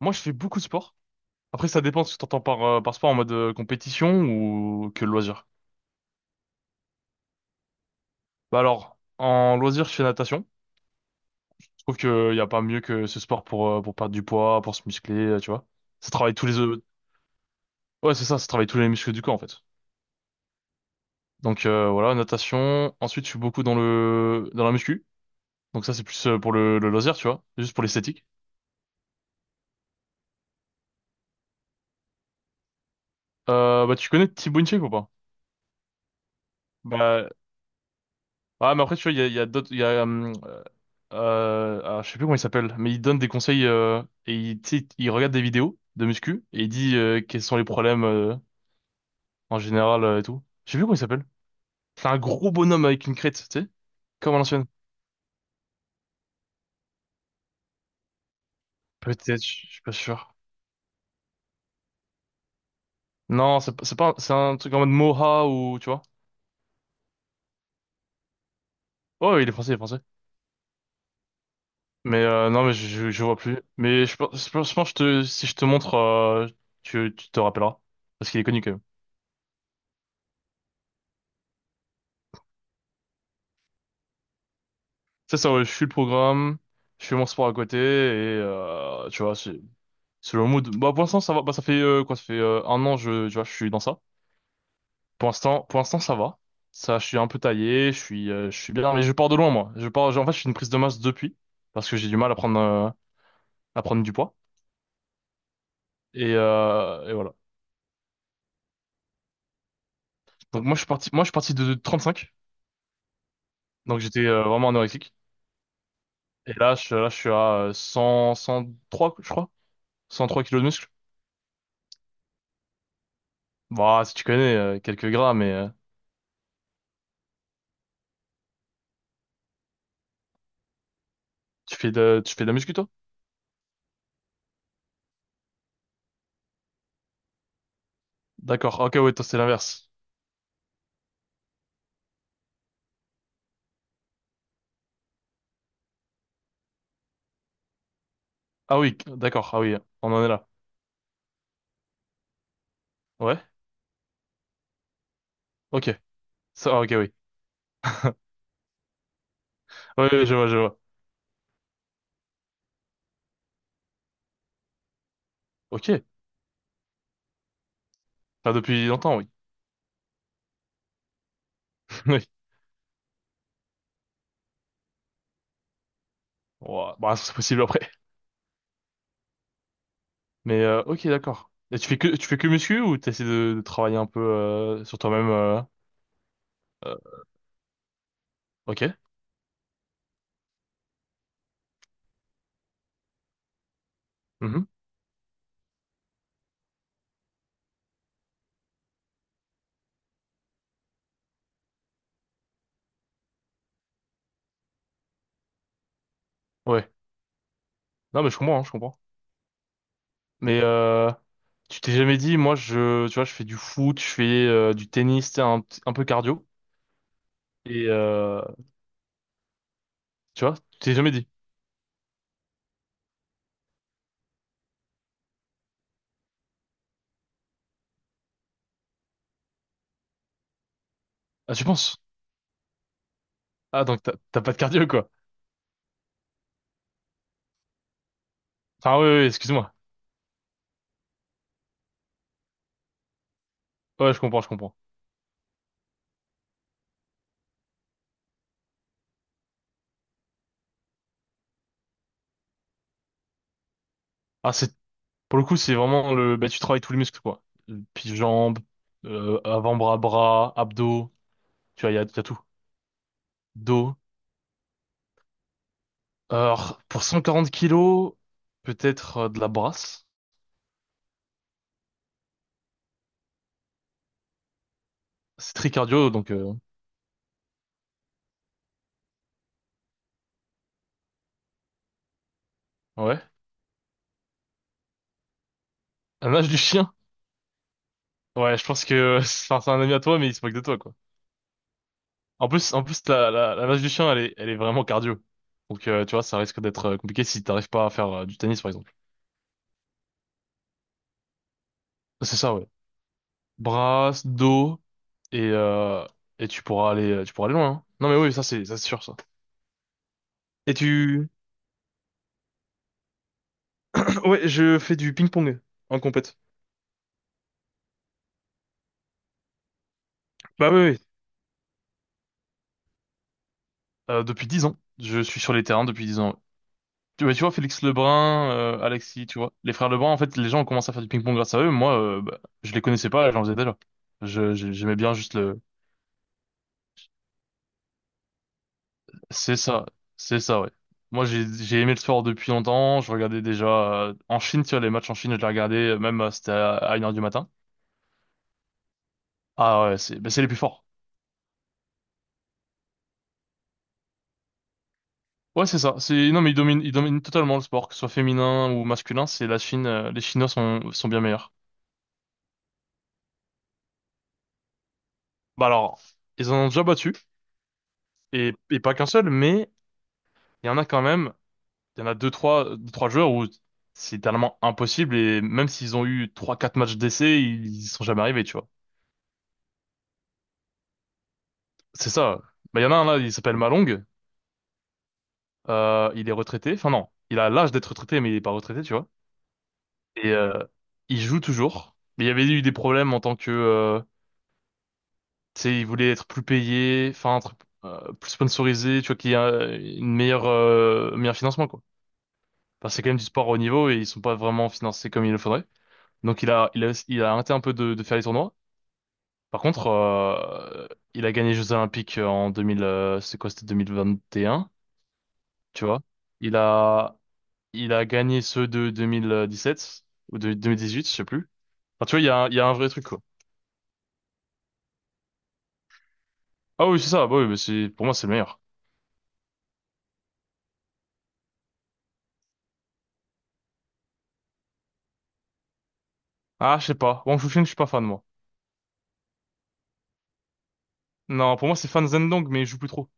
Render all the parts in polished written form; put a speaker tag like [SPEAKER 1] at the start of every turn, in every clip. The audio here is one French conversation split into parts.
[SPEAKER 1] Moi, je fais beaucoup de sport. Après, ça dépend de ce que t'entends par sport en mode compétition ou que loisir. Bah alors, en loisir, je fais natation. Je trouve qu'il y a pas mieux que ce sport pour perdre du poids, pour se muscler, tu vois. Ça travaille tous les... Ouais, c'est ça, ça travaille tous les muscles du corps, en fait. Donc, voilà, natation. Ensuite, je suis beaucoup dans le dans la muscu. Donc ça, c'est plus, pour le loisir, tu vois. Juste pour l'esthétique. Bah, tu connais Thibaut Inchek ou pas? Bah, ouais, mais après, tu vois, il y a alors, je sais plus comment il s'appelle, mais il donne des conseils, et il, tu sais, il regarde des vidéos de muscu et il dit, quels sont les problèmes, en général, et tout. Je sais plus comment il s'appelle. C'est un gros bonhomme avec une crête, tu sais, comme à l'ancienne. Peut-être, je suis pas sûr. Non, c'est pas, c'est pas- c'est un truc en mode Moha ou tu vois. Oh, il est français, il est français. Mais, non, mais je vois plus. Mais je pense que si je te montre, tu te rappelleras parce qu'il est connu quand même. Ça, ouais, je suis le programme, je fais mon sport à côté et, tu vois, c'est. C'est le mood. Bah, pour l'instant, ça va. Bah, ça fait, quoi? Ça fait, un an, tu vois, je suis dans ça. Pour l'instant, ça va. Ça, je suis un peu taillé, je suis bien, mais je pars de loin, moi. Je pars, en fait, je suis une prise de masse depuis, parce que j'ai du mal à prendre du poids. Et voilà. Donc, moi, je suis parti de 35. Donc, j'étais, vraiment anorexique. Et là, je suis à, 100, 103, je crois. 103 kilos de muscle. Bah, si tu connais, quelques gras, mais, tu fais de la muscu, toi? D'accord. Ok, ouais, toi, c'est l'inverse. Ah oui, d'accord. Ah oui, on en est là. Ouais, ok. Ça, ah, ok, oui. Ouais, ouais, je vois, je vois. Ok. Enfin, depuis longtemps, oui. Oui. Ouah, bah, c'est possible après. Mais, ok, d'accord. Et tu fais que muscu ou t'essaies de travailler un peu, sur toi-même, euh, ok. Mhm. Ouais. Non, mais je comprends, hein, je comprends. Mais, tu t'es jamais dit, moi, tu vois, je fais du foot, je fais, du tennis, tu sais, un peu cardio. Et, tu vois, tu t'es jamais dit. Ah, tu penses? Ah, donc t'as pas de cardio, quoi. Enfin, oui, oui, excuse-moi. Ouais, je comprends, je comprends. Ah, c'est pour le coup, c'est vraiment bah, tu travailles tous les muscles, quoi. Puis jambes, avant-bras, bras, abdos, tu vois, il y a tout. Dos. Alors, pour 140 kilos, peut-être, de la brasse. C'est très cardio, donc, ouais. Un nage du chien? Ouais, je pense que, enfin, c'est un ami à toi, mais il se moque de toi, quoi. En plus, la nage du chien, elle est vraiment cardio. Donc, tu vois, ça risque d'être, compliqué si t'arrives pas à faire, du tennis, par exemple. C'est ça, ouais. Brasse, dos. et, euh, et tu pourras aller loin, hein. Non mais oui, ça c'est sûr ça. Et tu, ouais, je fais du ping-pong en compète. Bah oui, oui. Depuis 10 ans, je suis sur les terrains depuis 10 ans. Tu bah, tu vois, Félix Lebrun, Alexis, tu vois, les frères Lebrun, en fait, les gens ont commencé à faire du ping-pong grâce à eux. Moi, bah, je les connaissais pas, j'en faisais déjà. J'aimais bien juste le. C'est ça, c'est ça, ouais. Moi, j'ai aimé le sport depuis longtemps. Je regardais déjà, en Chine, tu vois, les matchs en Chine, je les regardais, même, c'était à 1h du matin. Ah ouais, bah, c'est les plus forts. Ouais, c'est ça. C'est non, mais ils dominent totalement le sport, que ce soit féminin ou masculin. C'est la Chine. Les Chinois sont bien meilleurs. Bah alors, ils en ont déjà battu et pas qu'un seul, mais il y en a quand même. Il y en a deux, trois joueurs où c'est tellement impossible et même s'ils ont eu trois quatre matchs d'essai, ils sont jamais arrivés, tu vois. C'est ça. Bah il y en a un là, il s'appelle Malong. Il est retraité. Enfin non, il a l'âge d'être retraité, mais il est pas retraité, tu vois. Et, il joue toujours. Mais il y avait eu des problèmes en tant que, tu sais, ils voulaient être plus payés, enfin, être, plus sponsorisé, tu vois, qu'il y a une meilleure, meilleur financement, quoi. Parce que c'est quand même du sport au niveau et ils sont pas vraiment financés comme il le faudrait. Donc il a arrêté un peu de faire les tournois. Par contre, il a gagné les Jeux Olympiques en 2000, c'est quoi, c'était 2021, tu vois. Il a, il a gagné ceux de 2017 ou de 2018, je sais plus. Enfin, tu vois, il y a un vrai truc, quoi. Ah oui, c'est ça, bah oui, mais c'est, pour moi, c'est le meilleur. Ah, je sais pas. Wang Chun, je suis pas fan, moi. Non, pour moi, c'est Fan Zhendong, mais il joue plus trop.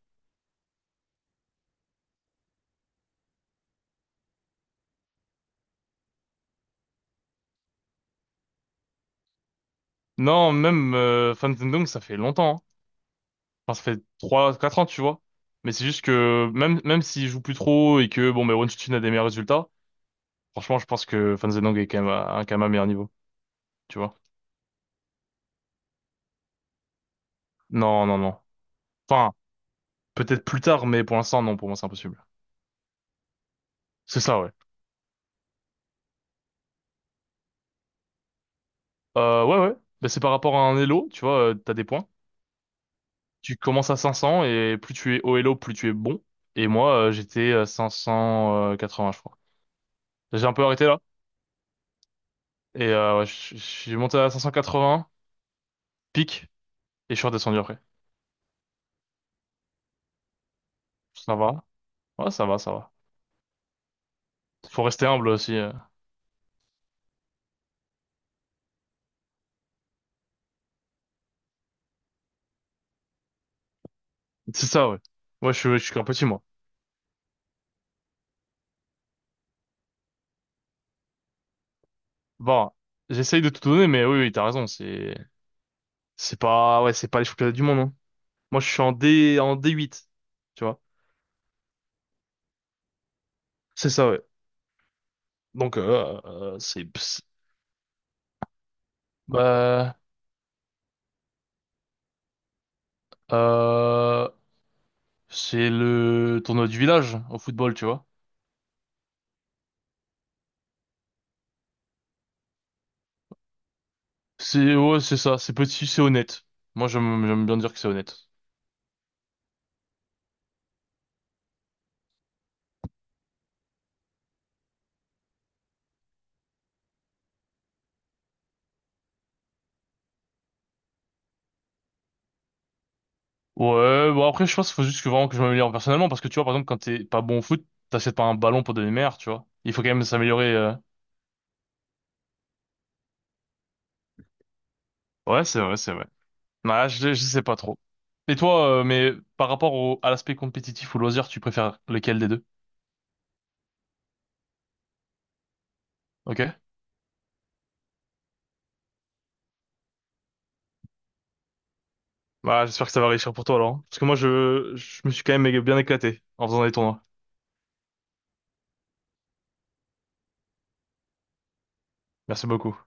[SPEAKER 1] Non, même, Fan Zhendong, ça fait longtemps, hein. Enfin, ça fait trois quatre ans, tu vois. Mais c'est juste que même s'il joue plus trop et que bon, mais Wonchuchin a des meilleurs résultats, franchement, je pense que Fan Zhendong est quand même à un meilleur niveau, tu vois. Non, non, non. Enfin, peut-être plus tard, mais pour l'instant, non, pour moi, c'est impossible. C'est ça, ouais. Ouais, ouais. Bah, c'est par rapport à un Elo, tu vois, t'as des points. Tu commences à 500 et plus tu es au Elo, plus tu es bon. Et moi, j'étais à 580, je crois. J'ai un peu arrêté là. Et, ouais, je suis monté à 580, pic, et je suis redescendu après. Ça va? Ouais, ça va, ça va. Faut rester humble aussi. C'est ça, ouais. Moi, je suis qu'un petit, moi. Bon, j'essaye de tout donner, mais oui, oui, t'as raison. C'est pas, ouais, c'est pas les championnats du monde, hein. Moi, je suis en D, en D8, tu vois. C'est ça, ouais. Donc, bah, euh, c'est le tournoi du village au football, tu vois. Ouais, c'est ça. C'est petit, c'est honnête. Moi, j'aime bien dire que c'est honnête. Ouais, bon après je pense qu'il faut juste que vraiment que je m'améliore personnellement parce que tu vois par exemple quand t'es pas bon au foot, t'achètes pas un ballon pour devenir meilleur, tu vois. Il faut quand même s'améliorer. Ouais, c'est vrai, c'est vrai. Bah, je sais pas trop. Et toi, mais par rapport au, à l'aspect compétitif ou loisir, tu préfères lequel des deux? Ok? Bah j'espère que ça va réussir pour toi alors, hein. Parce que moi je me suis quand même bien éclaté en faisant des tournois. Merci beaucoup.